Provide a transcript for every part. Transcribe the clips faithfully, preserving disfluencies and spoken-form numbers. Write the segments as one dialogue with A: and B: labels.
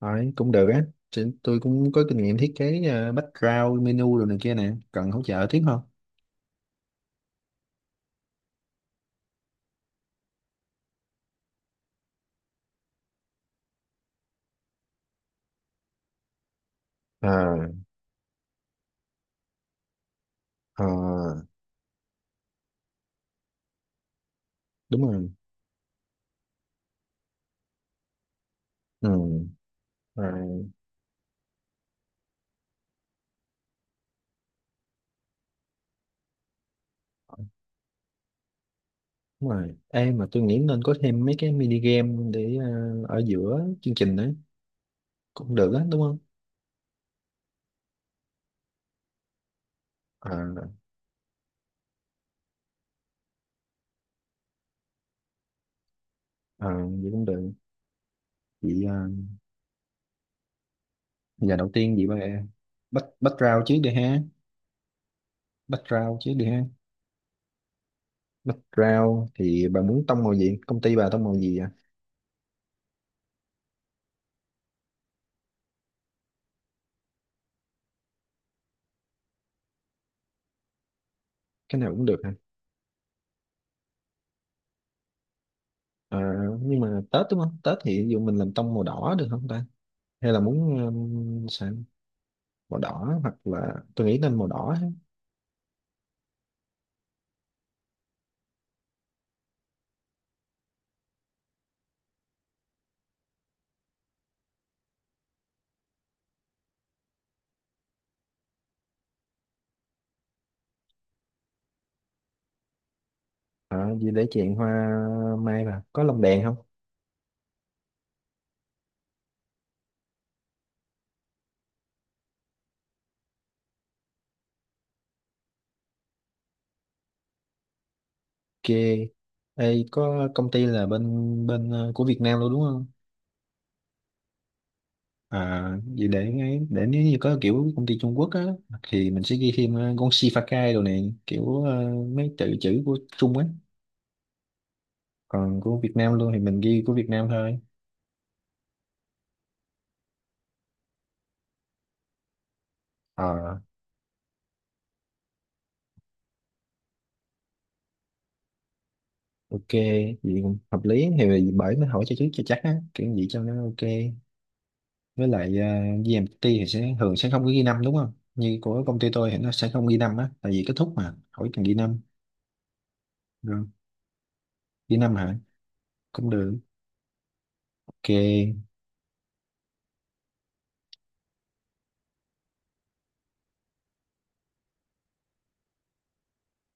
A: Đấy, cũng được á. Chị- Tôi cũng có kinh nghiệm thiết kế ờ, background, menu rồi này kia nè. Cần hỗ trợ tiếp không? À, à, đúng rồi. Ừ, rồi, đúng rồi. Ê, mà tôi nghĩ nên có thêm mấy cái mini game để ờ, ở giữa chương trình đấy. Cũng được á, đúng không? À, à, vậy cũng được. Vậy ờ, giờ đầu tiên vậy bà back, background trước đi ha. Background trước đi ha. Background thì bà muốn tông màu gì? Công ty bà tông màu gì à? Cái nào cũng được. À, nhưng mà Tết đúng không? Tết thì ví dụ mình làm tông màu đỏ được không ta? Hay là muốn um, sao? Màu đỏ hoặc là tôi nghĩ nên màu đỏ ha. À, vì để chèn hoa mai vào. Có lồng đèn không? Ok. Ê, có công ty là bên bên ờ, của Việt Nam luôn đúng không? À, vì để ấy- để nếu như có kiểu công ty Trung Quốc á thì mình sẽ ghi thêm ờ, con Shifakai đồ này kiểu ờ, mấy tự chữ của Trung á. Còn của Việt Nam luôn thì mình ghi của Việt Nam thôi. Ờ, ok, vậy cũng hợp lý thì bởi mới hỏi cho trước cho chắc á, kiểu gì cho nó ok. Với lại uh, giê em tê thì sẽ thường sẽ không có ghi năm đúng không? Như của công ty tôi thì nó sẽ không ghi năm á, tại vì kết thúc mà hỏi cần ghi năm. Rồi, ghi năm hả? Cũng được. Ok.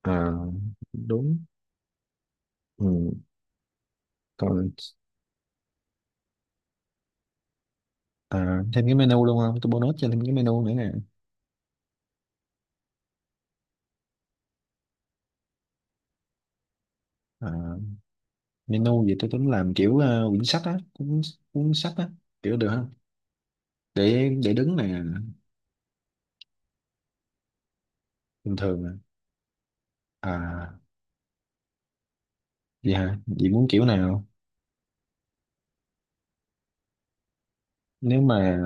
A: À, đúng. Ừ, còn à, thêm cái menu luôn không? Tôi bonus cho thêm cái menu nữa nè. À, menu vậy tôi tính làm kiểu ờ, quyển sách á, cuốn cuốn sách á kiểu được không? Để để đứng nè. Bình thường nè. À. Dạ, vậy hả? Chị muốn kiểu nào? Nếu mà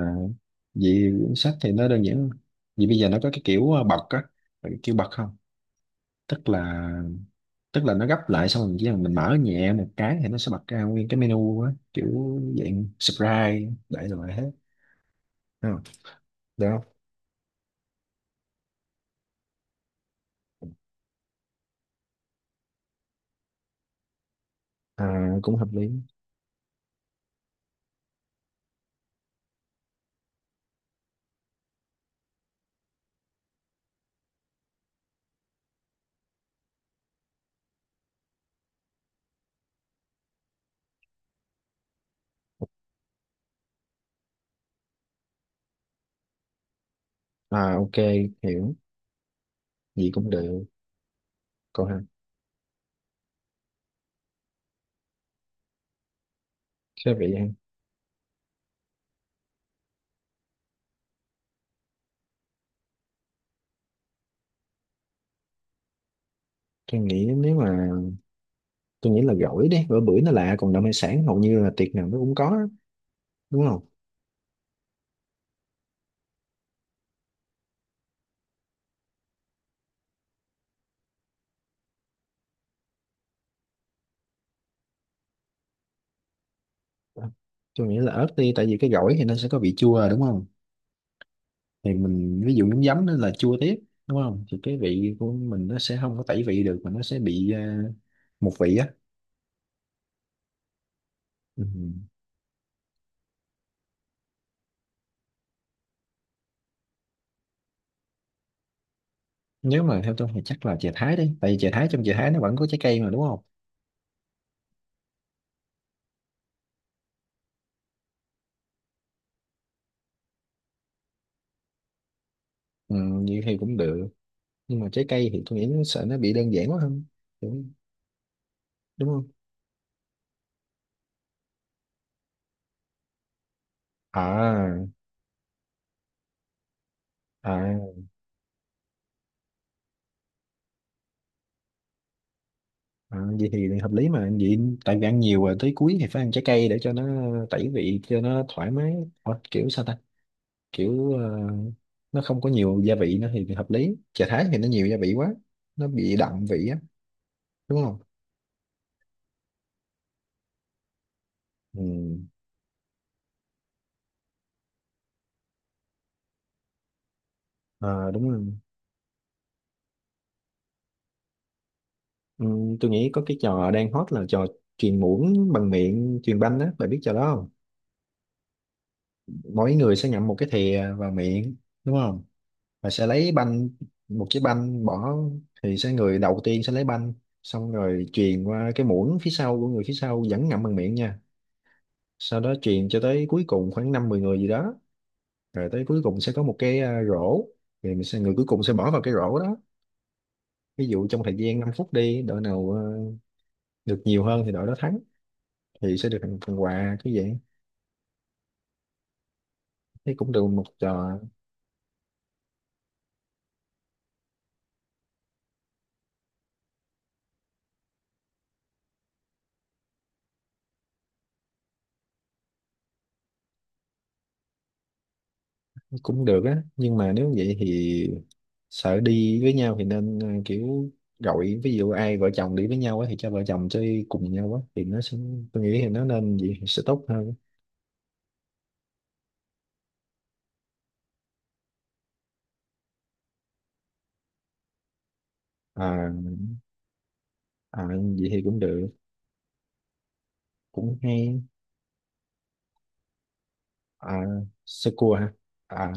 A: vậy sách thì nó đơn giản hơn. Vậy bây giờ nó có cái kiểu ờ, bật á, phải kiểu bật không? Tức là tức là nó gấp lại xong rồi chỉ cần mình mở nhẹ một cái thì nó sẽ bật ra nguyên cái menu á, kiểu dạng surprise đại loại hết. Đúng không? Được không? À, cũng hợp lý. À, ok, hiểu. Gì cũng được. Còn hả? Thế vậy hả? Tôi nghĩ nếu mà tôi nghĩ là gỏi đi, bữa bữa nó lạ còn đậu hải sản hầu như là tiệc nào nó cũng có á, đúng không? Tôi nghĩ là ớt đi, tại vì cái gỏi thì nó sẽ có vị chua, à, đúng không? Thì mình ví dụ miếng giấm nó là chua tiếp đúng không? Thì cái vị của mình nó sẽ không có tẩy vị được mà nó sẽ bị à, một vị á. Ừ. Nếu mà theo tôi thì chắc là chè thái đi, tại vì chè thái trong chè thái nó vẫn có trái cây mà, đúng không? Ừ, như thì cũng được nhưng mà trái cây thì tôi nghĩ nó sợ nó bị đơn giản quá không? Đúng, đúng không? À, à, à, vậy thì hợp lý mà vậy. Tại vì ăn nhiều rồi tới cuối thì phải ăn trái cây để cho nó tẩy vị cho nó thoải mái. Ủa, kiểu sao ta? Kiểu ờ, nó không có nhiều gia vị nữa thì, thì hợp lý. Chả thái thì nó nhiều gia vị quá, nó bị đậm vị á, đúng không? Ừ. Ờ, đúng rồi. Ừ, tôi nghĩ có cái trò đang hot là trò truyền muỗng bằng miệng truyền banh á, bạn biết trò đó không? Mỗi người sẽ ngậm một cái thìa vào miệng, đúng không? Và sẽ lấy banh, một cái banh bỏ thì sẽ người đầu tiên sẽ lấy banh, xong rồi truyền qua cái muỗng phía sau của người phía sau vẫn ngậm bằng miệng nha. Sau đó truyền cho tới cuối cùng khoảng năm mười người gì đó, rồi tới cuối cùng sẽ có một cái à, rổ. Thì mình sẽ người cuối cùng sẽ bỏ vào cái rổ đó. Ví dụ trong thời gian năm phút đi, đội nào ờ, được nhiều hơn thì đội đó thắng, thì sẽ được phần phần quà cứ vậy. Thấy cũng được một trò. Cũng được á, nhưng mà nếu vậy thì sợ đi với nhau thì nên ờ, kiểu gọi ví dụ ai vợ chồng đi với nhau á thì cho vợ chồng chơi cùng nhau á thì nó sẽ tôi nghĩ thì nó nên vậy thì sẽ tốt hơn. À, à, vậy thì cũng được, cũng hay. À, sơ cua hả? À,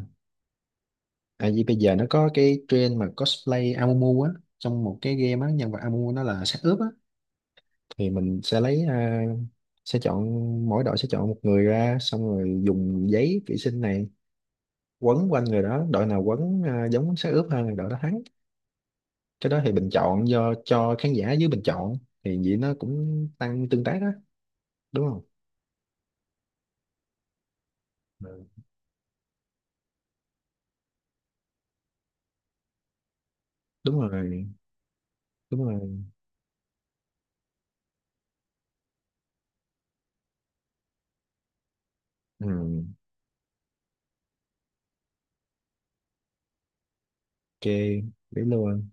A: tại vì bây giờ nó có cái trend mà cosplay Amumu á, trong một cái game á, nhân vật Amumu nó là xác ướp á, thì mình sẽ lấy à, sẽ chọn, mỗi đội sẽ chọn một người ra xong rồi dùng giấy vệ sinh này quấn quanh người đó, đội nào quấn à, giống xác ướp hơn là đội đó thắng. Cái đó thì bình chọn do cho khán giả dưới bình chọn, thì vậy nó cũng tăng tương tác á, đúng không? Ừ. Đúng rồi, đúng rồi. Ừ, ok, để luôn.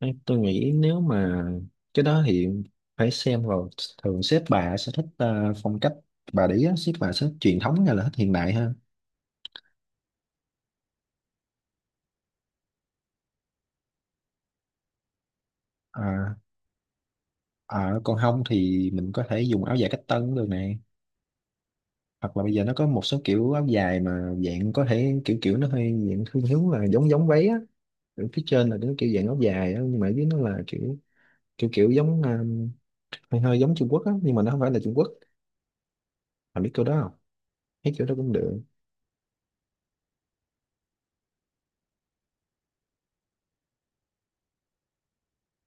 A: Đấy, tôi nghĩ nếu mà cái đó thì phải xem vào, thường sếp bà sẽ thích ờ, phong cách bà đấy á, sếp bà sẽ thích truyền thống hay là thích hiện đại ha? À, à, còn không thì mình có thể dùng áo dài cách tân cũng được này, hoặc là bây giờ nó có một số kiểu áo dài mà dạng có thể kiểu kiểu nó hơi dạng thiên hướng là giống giống váy á. Ở phía trên là cái kiểu dạng áo dài á nhưng mà ở dưới nó là kiểu kiểu kiểu giống ờ, hơi hơi giống Trung Quốc á, nhưng mà nó không phải là Trung Quốc. Bà biết kiểu đó không? Thấy kiểu đó cũng được.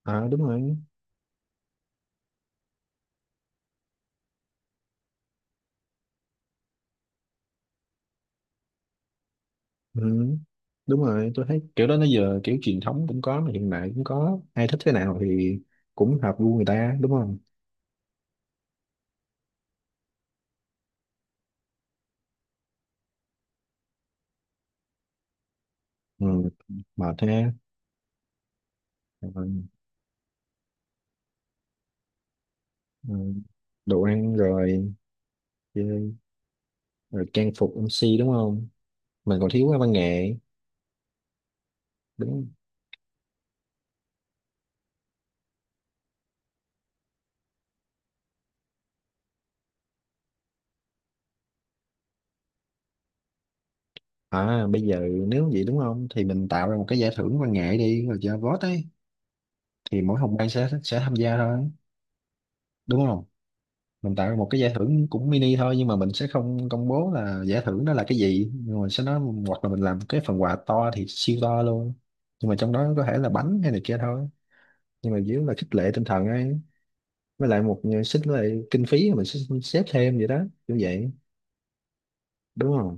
A: À, đúng rồi. Ừ, đúng rồi, tôi thấy kiểu đó nó giờ kiểu truyền thống cũng có mà hiện đại cũng có, ai thích thế nào thì cũng hợp gu người ta, đúng không? Ừ, mệt ha. Rồi. Ừ, đồ ăn rồi, chơi rồi, trang phục em xê đúng không? Mình còn thiếu cái văn nghệ. Đúng. À, bây giờ nếu vậy đúng không thì mình tạo ra một cái giải thưởng văn nghệ đi rồi cho vote ấy, thì mỗi phòng ban sẽ sẽ tham gia thôi, đúng không? Mình tạo ra một cái giải thưởng cũng mini thôi, nhưng mà mình sẽ không công bố là giải thưởng đó là cái gì, nhưng mình sẽ nói. Hoặc là mình làm cái phần quà to thì siêu to luôn, nhưng mà trong đó có thể là bánh hay này kia thôi, nhưng mà chủ yếu là khích lệ tinh thần ấy. Với lại một xích lại kinh phí mình sẽ xếp thêm vậy đó, như vậy đúng không?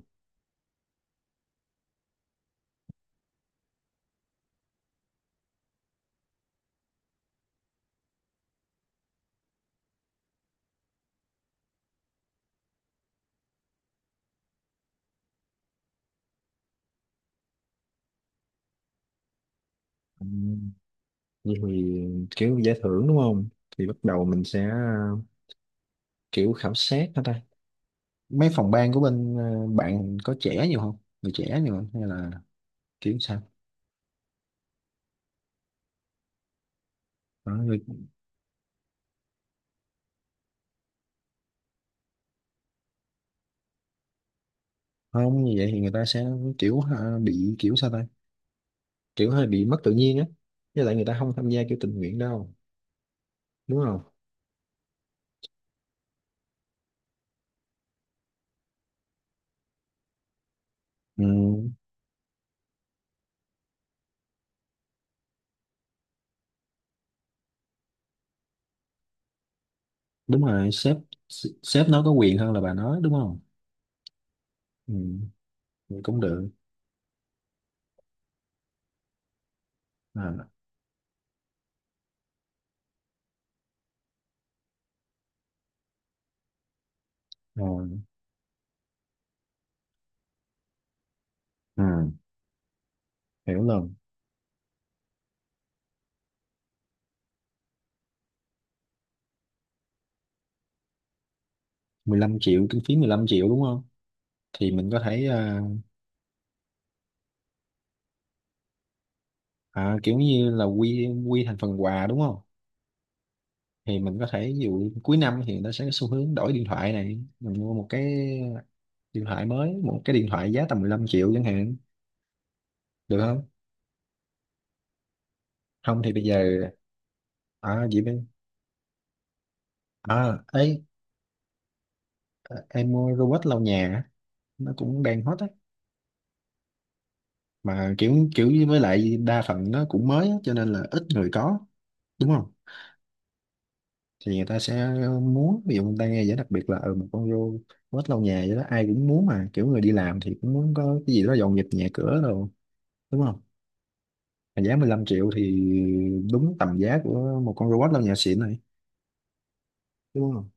A: Ừ. Vậy thì kiểu giải thưởng đúng không? Thì bắt đầu mình sẽ à, kiểu khảo sát hả ta, mấy phòng ban của bên ờ, bạn có trẻ nhiều không? Người trẻ nhiều không hay là kiểu sao? Đó, không như vậy thì người ta sẽ kiểu à, bị kiểu sao ta, kiểu hơi bị mất tự nhiên á, với lại người ta không tham gia kiểu tình nguyện đâu, đúng không? Ừ, đúng rồi sếp. Sếp nó có quyền hơn là bà nói đúng không? Ừ, vậy cũng được. À, rồi. Ừ, hiểu rồi. mười lăm triệu, kinh phí mười lăm triệu đúng không? Thì mình có thể à, à, kiểu như là quy quy thành phần quà đúng không? Thì mình có thể ví dụ cuối năm thì người ta sẽ có xu hướng đổi điện thoại này, mình mua một cái điện thoại mới, một cái điện thoại giá tầm mười lăm triệu chẳng hạn, được không? Không thì bây giờ à gì bên à ấy, em mua robot lau nhà á, nó cũng đang hot á, mà kiểu kiểu như với lại đa phần nó cũng mới á, cho nên là ít người có, đúng không? Thì người ta sẽ muốn ví dụ người ta nghe giải đặc biệt là ừ một con ro- robot lau nhà vậy đó, ai cũng muốn, mà kiểu người đi làm thì cũng muốn có cái gì đó dọn dẹp nhà cửa rồi, đúng không? Mà giá mười lăm triệu thì đúng tầm giá của một con robot lau nhà xịn này, đúng không?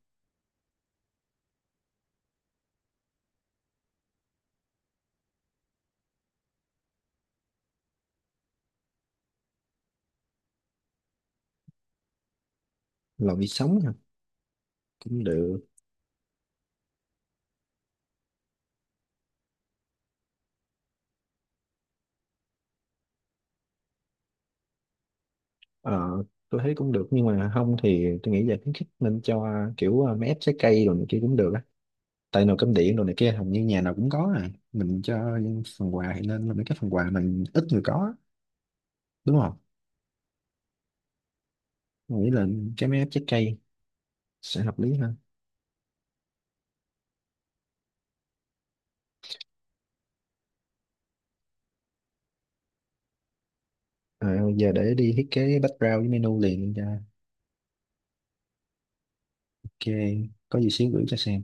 A: Lò vi sóng hả? Cũng được. Ờ, tôi thấy cũng được nhưng mà không thì tôi nghĩ là khuyến khích nên cho kiểu ờ, máy ép trái cây rồi này kia cũng được á, tại nồi cơm điện rồi này kia hầu như nhà nào cũng có, à mình cho phần quà thì nên là mấy cái phần quà mình ít người có á, đúng không? Tôi nghĩ là cái máy ép trái cây sẽ hợp lý hơn. Ờ, giờ để đi thiết kế background với menu liền ra. Ok, có gì xíu gửi cho xem.